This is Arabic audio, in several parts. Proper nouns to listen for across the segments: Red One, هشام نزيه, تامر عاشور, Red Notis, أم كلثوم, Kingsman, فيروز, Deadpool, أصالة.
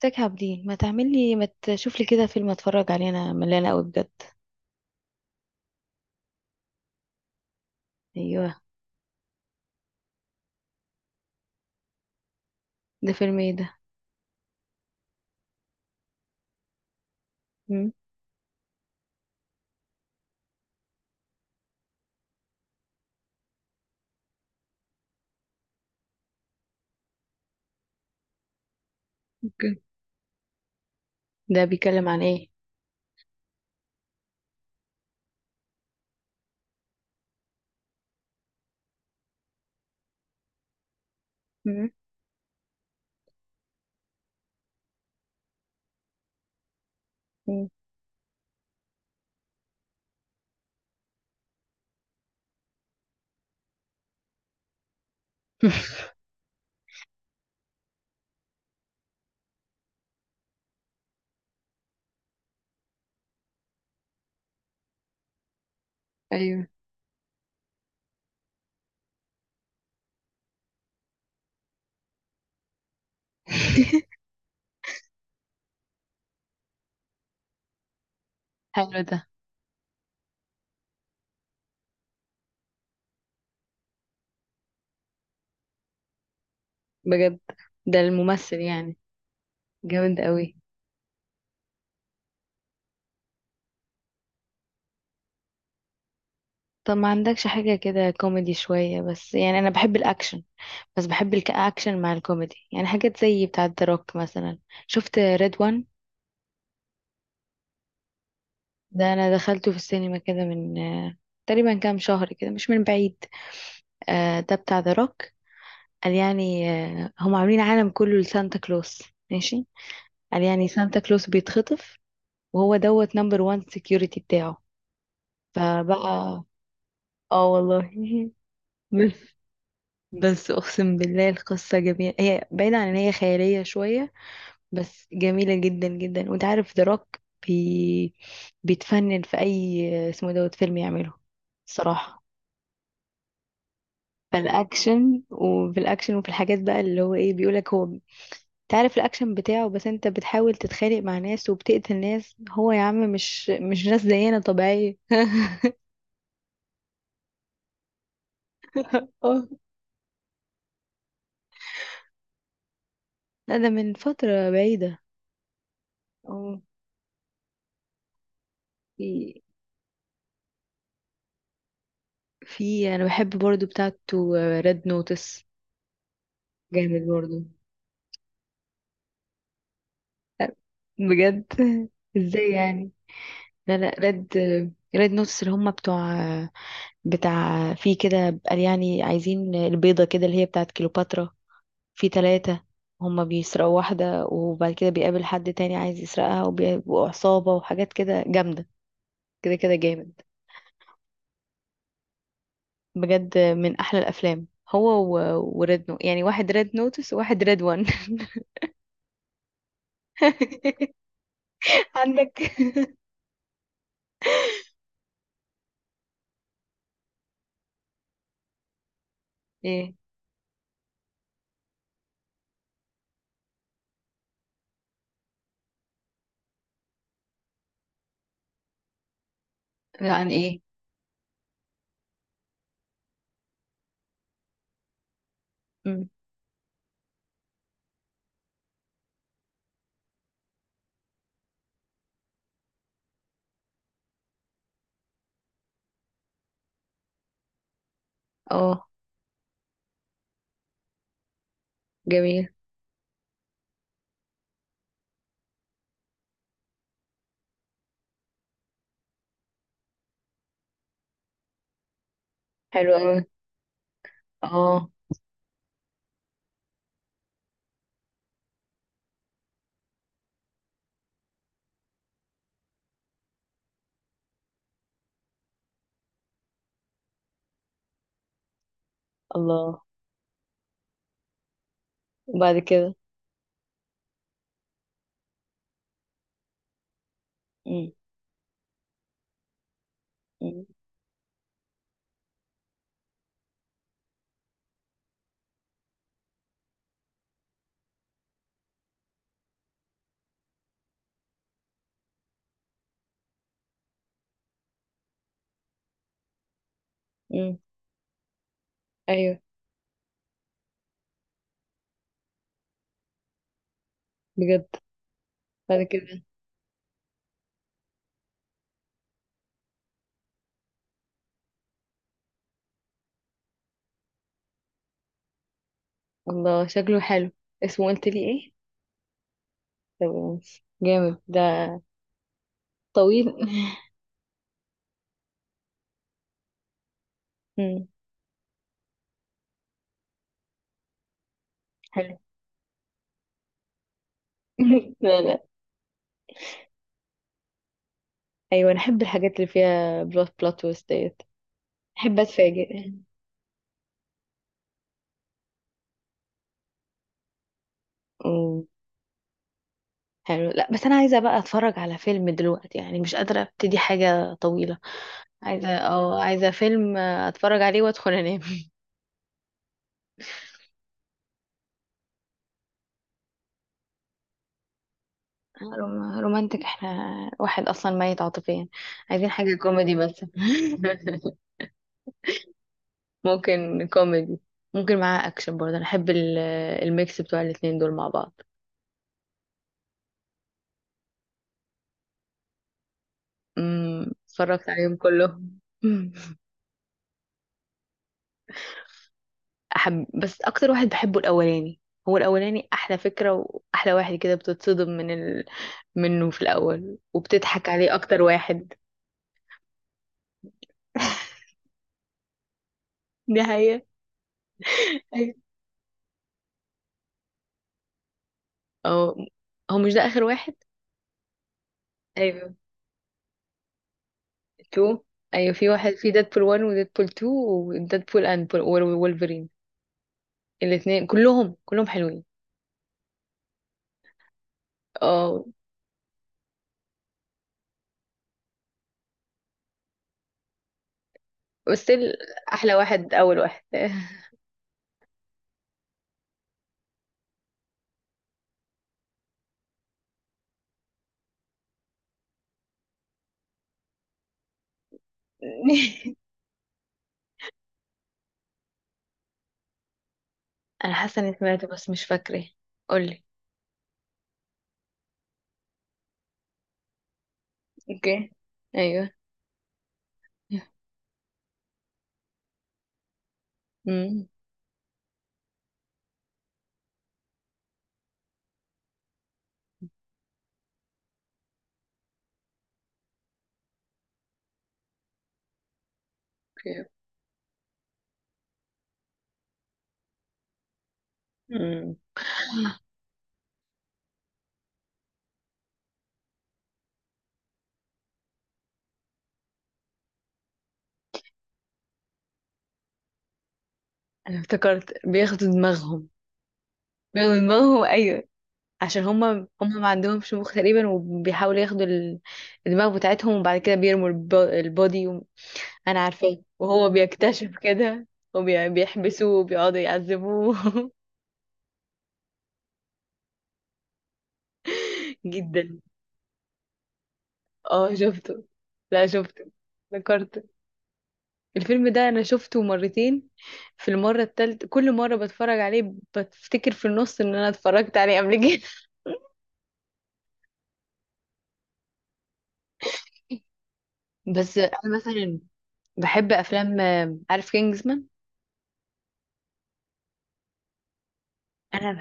تاك عابدين، ما تعمل لي، ما تشوف لي كده فيلم اتفرج عليه. انا ملانه قوي بجد. ايوه. ده فيلم ايه ده؟ مم. اوكي. ده بيتكلم عن ايه؟ مم. مم. ايوه. حلو ده. بجد؟ ده الممثل يعني؟ جامد قوي. طب ما عندكش حاجة كده كوميدي شوية، بس يعني أنا بحب الأكشن. بس بحب الأكشن مع الكوميدي، يعني حاجات زي بتاعة روك مثلا. شفت ريد وان؟ ده انا دخلته في السينما كده من تقريبا كام شهر كده، مش من بعيد. ده بتاع ذا روك. قال يعني هم عاملين عالم كله لسانتا كلوس. ماشي. قال يعني سانتا كلوس بيتخطف، وهو دوت نمبر وان سكيورتي بتاعه. فبقى. اه والله. بس بس اقسم بالله القصة جميلة، هي بعيدة عن ان هي خيالية شوية، بس جميلة جدا جدا. وانت عارف ذا روك، بي... بيتفنن في اي اسمه دوت فيلم يعمله، صراحة. فالاكشن، وفي الاكشن، وفي الحاجات بقى اللي هو ايه بيقولك هو. تعرف الاكشن بتاعه، بس انت بتحاول تتخانق مع ناس وبتقتل ناس، هو يا عم مش ناس زينا طبيعية. اه لا، ده من فترة بعيدة. اه. في في انا بحب برضو بتاعته، ريد نوتس. جامد برضو. لا، بجد. ازاي يعني؟ لا لا، ريد نوتس، اللي هم بتوع بتاع، في كده قال يعني عايزين البيضة كده اللي هي بتاعت كليوباترا. في ثلاثة. هما بيسرقوا واحدة، وبعد كده بيقابل حد تاني عايز يسرقها، وبيبقوا عصابة وحاجات كده جامدة. كده كده جامد. بجد من أحلى الأفلام. هو وريد نو يعني واحد ريد نوتس وواحد ريد وان. عندك ايه؟ عن ايه؟ مم. اه، جميل. حلو أوي. اه. الله. وبعد كده؟ مم. مم. مم. أيوه. بجد. بعد كده؟ الله، شكله حلو. اسمه قلت لي ايه؟ طب، جامد ده. طويل. مم. حلو. لا لا. ايوه، انا احب الحاجات اللي فيها بلوت تويست ديت. احب اتفاجئ. أمم، حلو. لا بس انا عايزه بقى اتفرج على فيلم دلوقتي، يعني مش قادره ابتدي حاجه طويله. عايزه فيلم اتفرج عليه وادخل انام. رومانتك؟ احنا واحد اصلا ميت عاطفيا. عايزين حاجه كوميدي بس. ممكن كوميدي، ممكن معاه اكشن برضه. انا احب الميكس بتوع الاتنين دول مع بعض. اتفرجت عليهم كلهم. أحب، بس أكتر واحد بحبه الأولاني. هو الأولاني أحلى فكرة وأحلى واحد، كده بتتصدم منه في الأول، وبتضحك عليه أكتر واحد. دي حقيقة. أيوة. أو، هو مش ده آخر واحد؟ أيوة، تو. أيوة، في واحد، في ديدبول 1 وديدبول 2 وديدبول أند وولفرين. الاتنين كلهم حلوين. اه. بس أحلى واحد أول واحد. أنا حاسة إني سمعته بس مش فاكرة. قولي. اوكي. أيوة. اوكي. امم انا افتكرت بياخدوا دماغهم. بياخدوا دماغهم، ايوه. عشان هما ما عندهمش مخ تقريبا، وبيحاولوا ياخدوا الدماغ بتاعتهم، وبعد كده بيرموا البودي انا عارفاه، وهو بيكتشف كده، وبيحبسوه وبيقعدوا يعذبوه. جدا. اه، شفته. لا شفته. ذكرت. الفيلم ده انا شفته مرتين. في المرة التالتة، كل مرة بتفرج عليه بفتكر في النص ان انا اتفرجت عليه قبل كده. بس انا مثلا بحب افلام عارف كينجزمان. انا ب-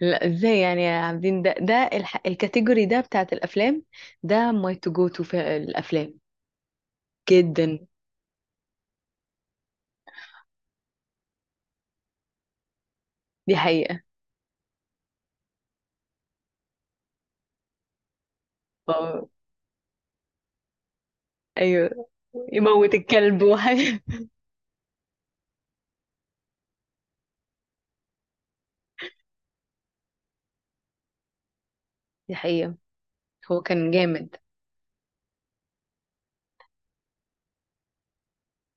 لا، ازاي يعني يا عابدين؟ ده الكاتيجوري ده بتاعت الافلام. ده ماي تو جو تو في الافلام. جدا. دي حقيقة. اه، ايوه. يموت الكلب وحاجة. دي حقيقة. هو كان جامد.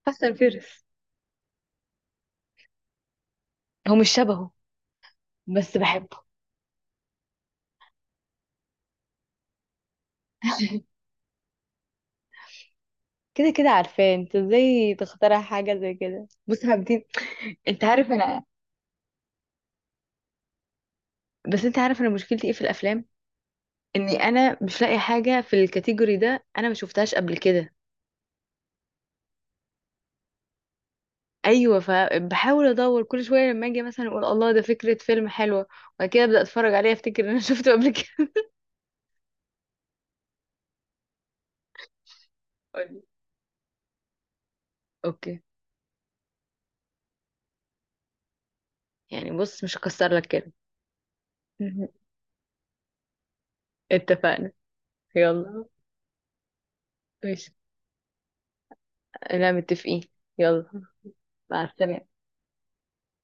حسن فيرس. هو مش شبهه. بس بحبه. كده كده عارفاه. انت ازاي تخترع حاجة زي كده؟ بص يا عابدين، انت عارف انا، بس انت عارف انا مشكلتي ايه في الافلام. اني انا مش لاقي حاجة في الكاتيجوري ده انا ما شفتهاش قبل كده. ايوه، فبحاول ادور كل شويه لما اجي مثلا اقول الله ده فكره فيلم حلوه، وبعد كده ابدا اتفرج عليه افتكر ان انا شفته قبل كده. قولي. اوكي. يعني بص، مش هكسر لك كده. اتفقنا. يلا ماشي. لا متفقين. يلا. مع السلامه.